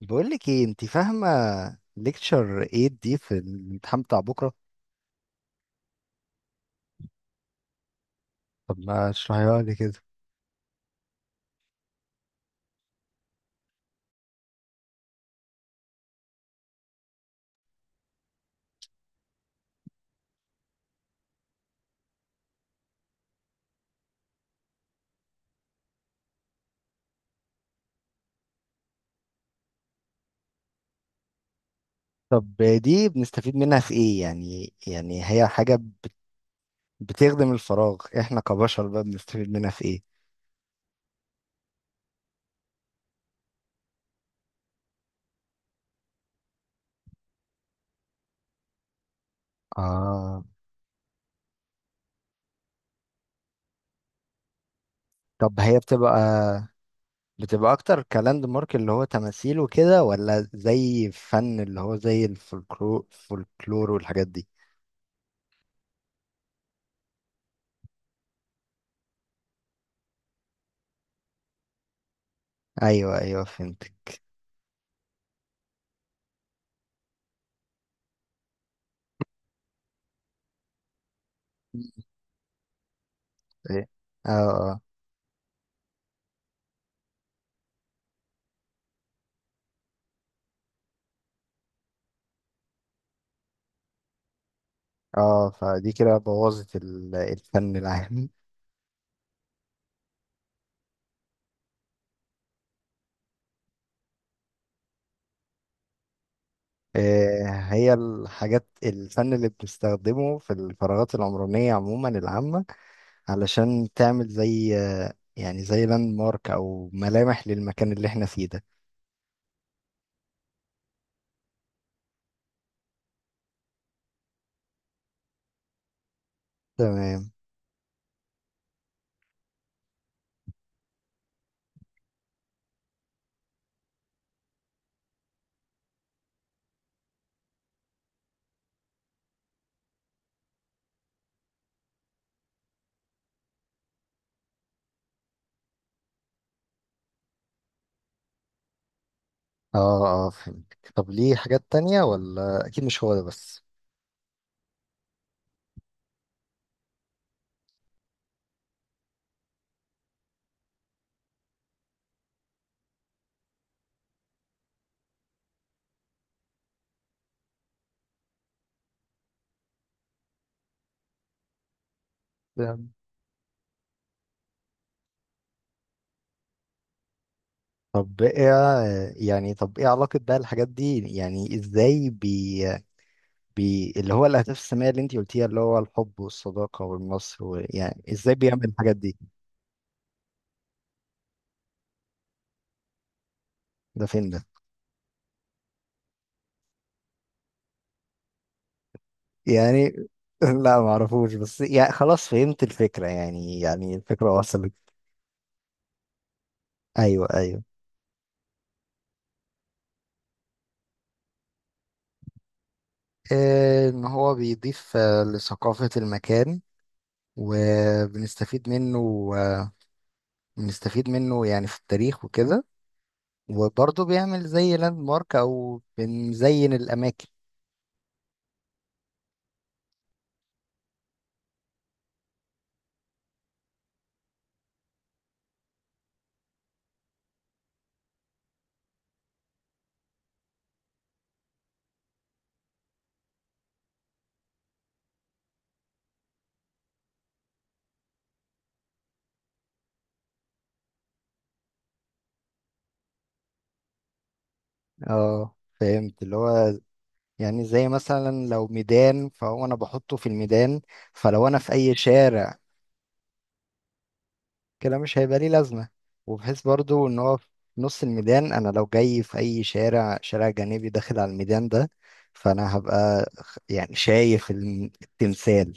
بقول لك ايه، انت فاهمه ليكتشر 8 دي في الامتحان بتاع بكره؟ طب ما اشرحيها لي كده. طب دي بنستفيد منها في ايه؟ يعني هي حاجه بتخدم الفراغ، احنا كبشر بقى بنستفيد منها في ايه؟ اه. طب هي بتبقى اكتر كلاند مارك اللي هو تماثيل وكده، ولا زي فن اللي هو زي الفولكلور فولكلور والحاجات دي؟ ايوه، ايوه، فهمت. ايه. اه، اه، اه، فدي كده بوظت الفن العام. آه، هي الحاجات الفن اللي بنستخدمه في الفراغات العمرانية عموما العامة، علشان تعمل زي يعني زي لاند مارك أو ملامح للمكان اللي احنا فيه ده. تمام. اه، اه، فهمتك. طب ليه حاجات تانية؟ ولا أكيد مش هو ده بس؟ تمام. طب ايه علاقة بقى الحاجات دي؟ يعني ازاي بي اللي هو الأهداف السامية اللي انتي قلتيها، اللي هو الحب والصداقة والنصر يعني ازاي بيعمل الحاجات دي؟ ده فين ده؟ يعني. لا، ما اعرفوش، بس يعني خلاص فهمت الفكرة، يعني الفكرة وصلت. ايوه، ايوه، ان هو بيضيف لثقافة المكان. وبنستفيد منه، بنستفيد منه يعني في التاريخ وكده، وبرضه بيعمل زي لاند مارك، او بنزين الاماكن. اه، فهمت اللي هو يعني زي مثلا لو ميدان، فهو انا بحطه في الميدان. فلو انا في اي شارع، كده مش هيبقى ليه لازمة. وبحيث برضو ان هو في نص الميدان. انا لو جاي في اي شارع، شارع جانبي داخل على الميدان ده، فانا هبقى يعني شايف التمثال.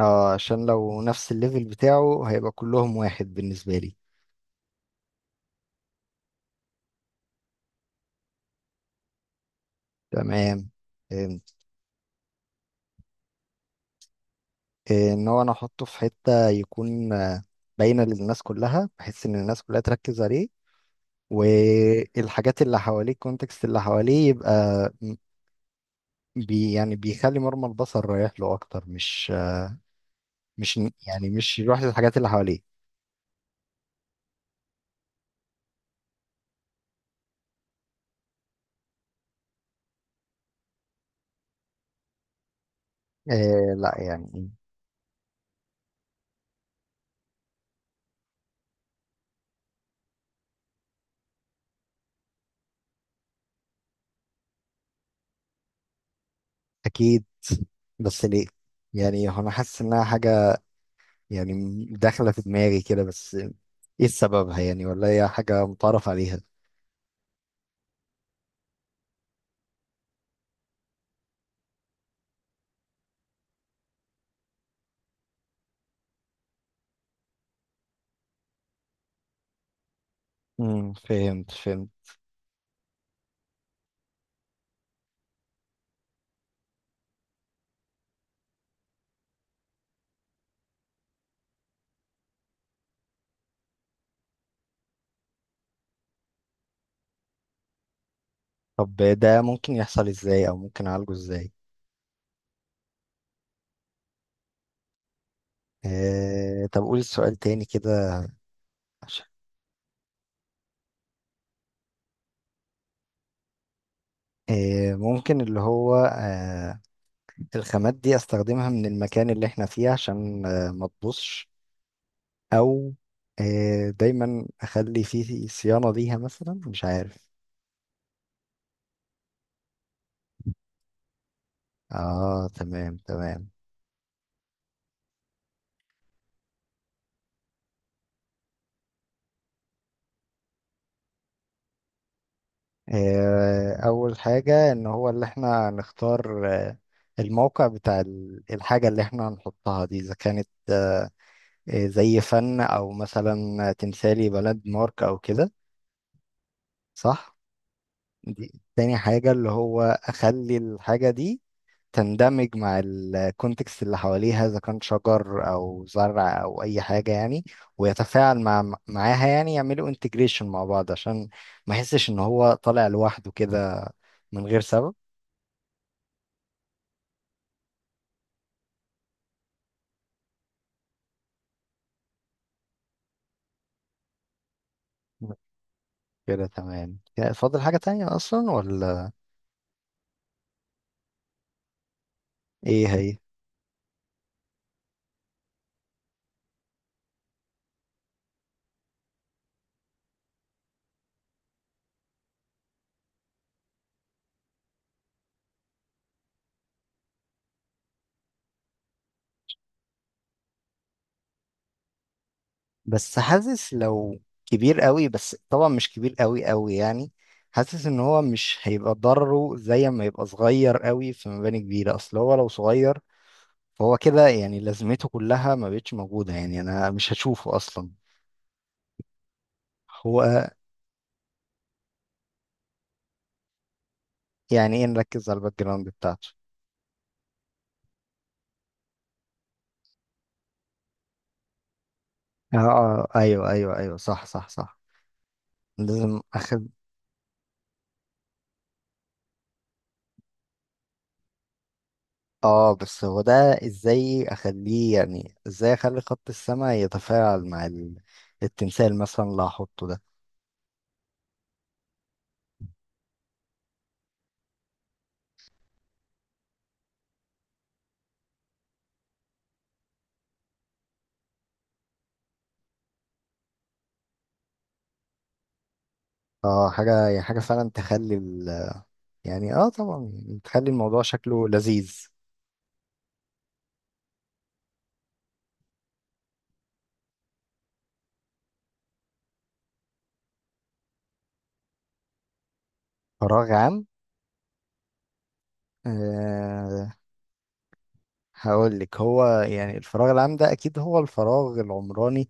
اه، عشان لو نفس الليفل بتاعه هيبقى كلهم واحد بالنسبة لي. تمام، فهمت. إيه، ان هو انا احطه في حتة يكون باينة للناس كلها، بحيث ان الناس كلها تركز عليه والحاجات اللي حواليه، الكونتكست اللي حواليه يبقى م- يعني بيخلي مرمى البصر رايح له اكتر، مش يعني مش الواحد الحاجات اللي حواليه. لا، يعني. اكيد، بس ليه؟ يعني هو انا حاسس انها حاجه يعني داخله في دماغي كده، بس ايه سببها يعني؟ ولا هي حاجه متعرف عليها؟ فهمت، فهمت. طب ده ممكن يحصل ازاي، او ممكن اعالجه ازاي؟ طب قول السؤال تاني كده. عشان- ممكن اللي هو الخامات دي استخدمها من المكان اللي احنا فيه، عشان ما تبوظش، او دايما اخلي فيه صيانة ليها مثلا، مش عارف. اه، تمام، تمام. اول حاجة، ان هو اللي احنا نختار الموقع بتاع الحاجة اللي احنا هنحطها دي، اذا كانت زي فن او مثلا تمثالي بلد مارك او كده، صح؟ دي تاني حاجة، اللي هو اخلي الحاجة دي تندمج مع الكونتكست اللي حواليها، اذا كان شجر او زرع او اي حاجه يعني، ويتفاعل معاها يعني، يعملوا انتجريشن مع بعض عشان ما يحسش ان هو طالع لوحده كده، من غير سبب. كده تمام، كده فاضل حاجه تانية اصلا ولا؟ ايه هي؟ بس حاسس لو كبير قوي، بس طبعا مش كبير قوي قوي يعني. حاسس ان هو مش هيبقى ضرره زي ما يبقى صغير قوي في مباني كبيره، اصل هو لو صغير، فهو كده يعني لازمته كلها ما بقتش موجودة، يعني أنا مش هشوفه أصلا. هو. يعني إيه نركز على الباك جراوند بتاعته؟ آه، آه، أيوه، أيوه، أيوه، صح، صح، صح. لازم أخد. بس هو ده، إزاي أخليه يعني إزاي أخلي خط السماء يتفاعل مع التمثال مثلا اللي هحطه ده؟ حاجة، يعني حاجة فعلا تخلي ال. يعني، طبعا، يعني تخلي الموضوع شكله لذيذ. فراغ عام. آه. هقول لك هو يعني الفراغ العام ده اكيد هو الفراغ العمراني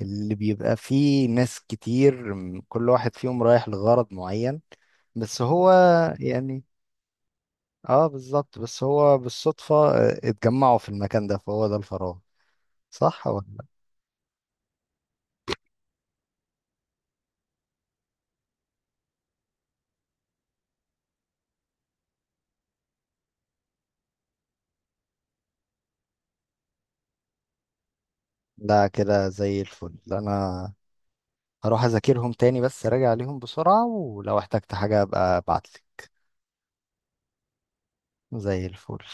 اللي بيبقى فيه ناس كتير، كل واحد فيهم رايح لغرض معين، بس هو يعني. اه، بالظبط، بس هو بالصدفة اتجمعوا في المكان ده، فهو ده الفراغ، صح هو. لا، كده زي الفل. انا هروح اذاكرهم تاني، بس راجع عليهم بسرعة، ولو احتجت حاجة ابقى ابعتلي. زي الفل.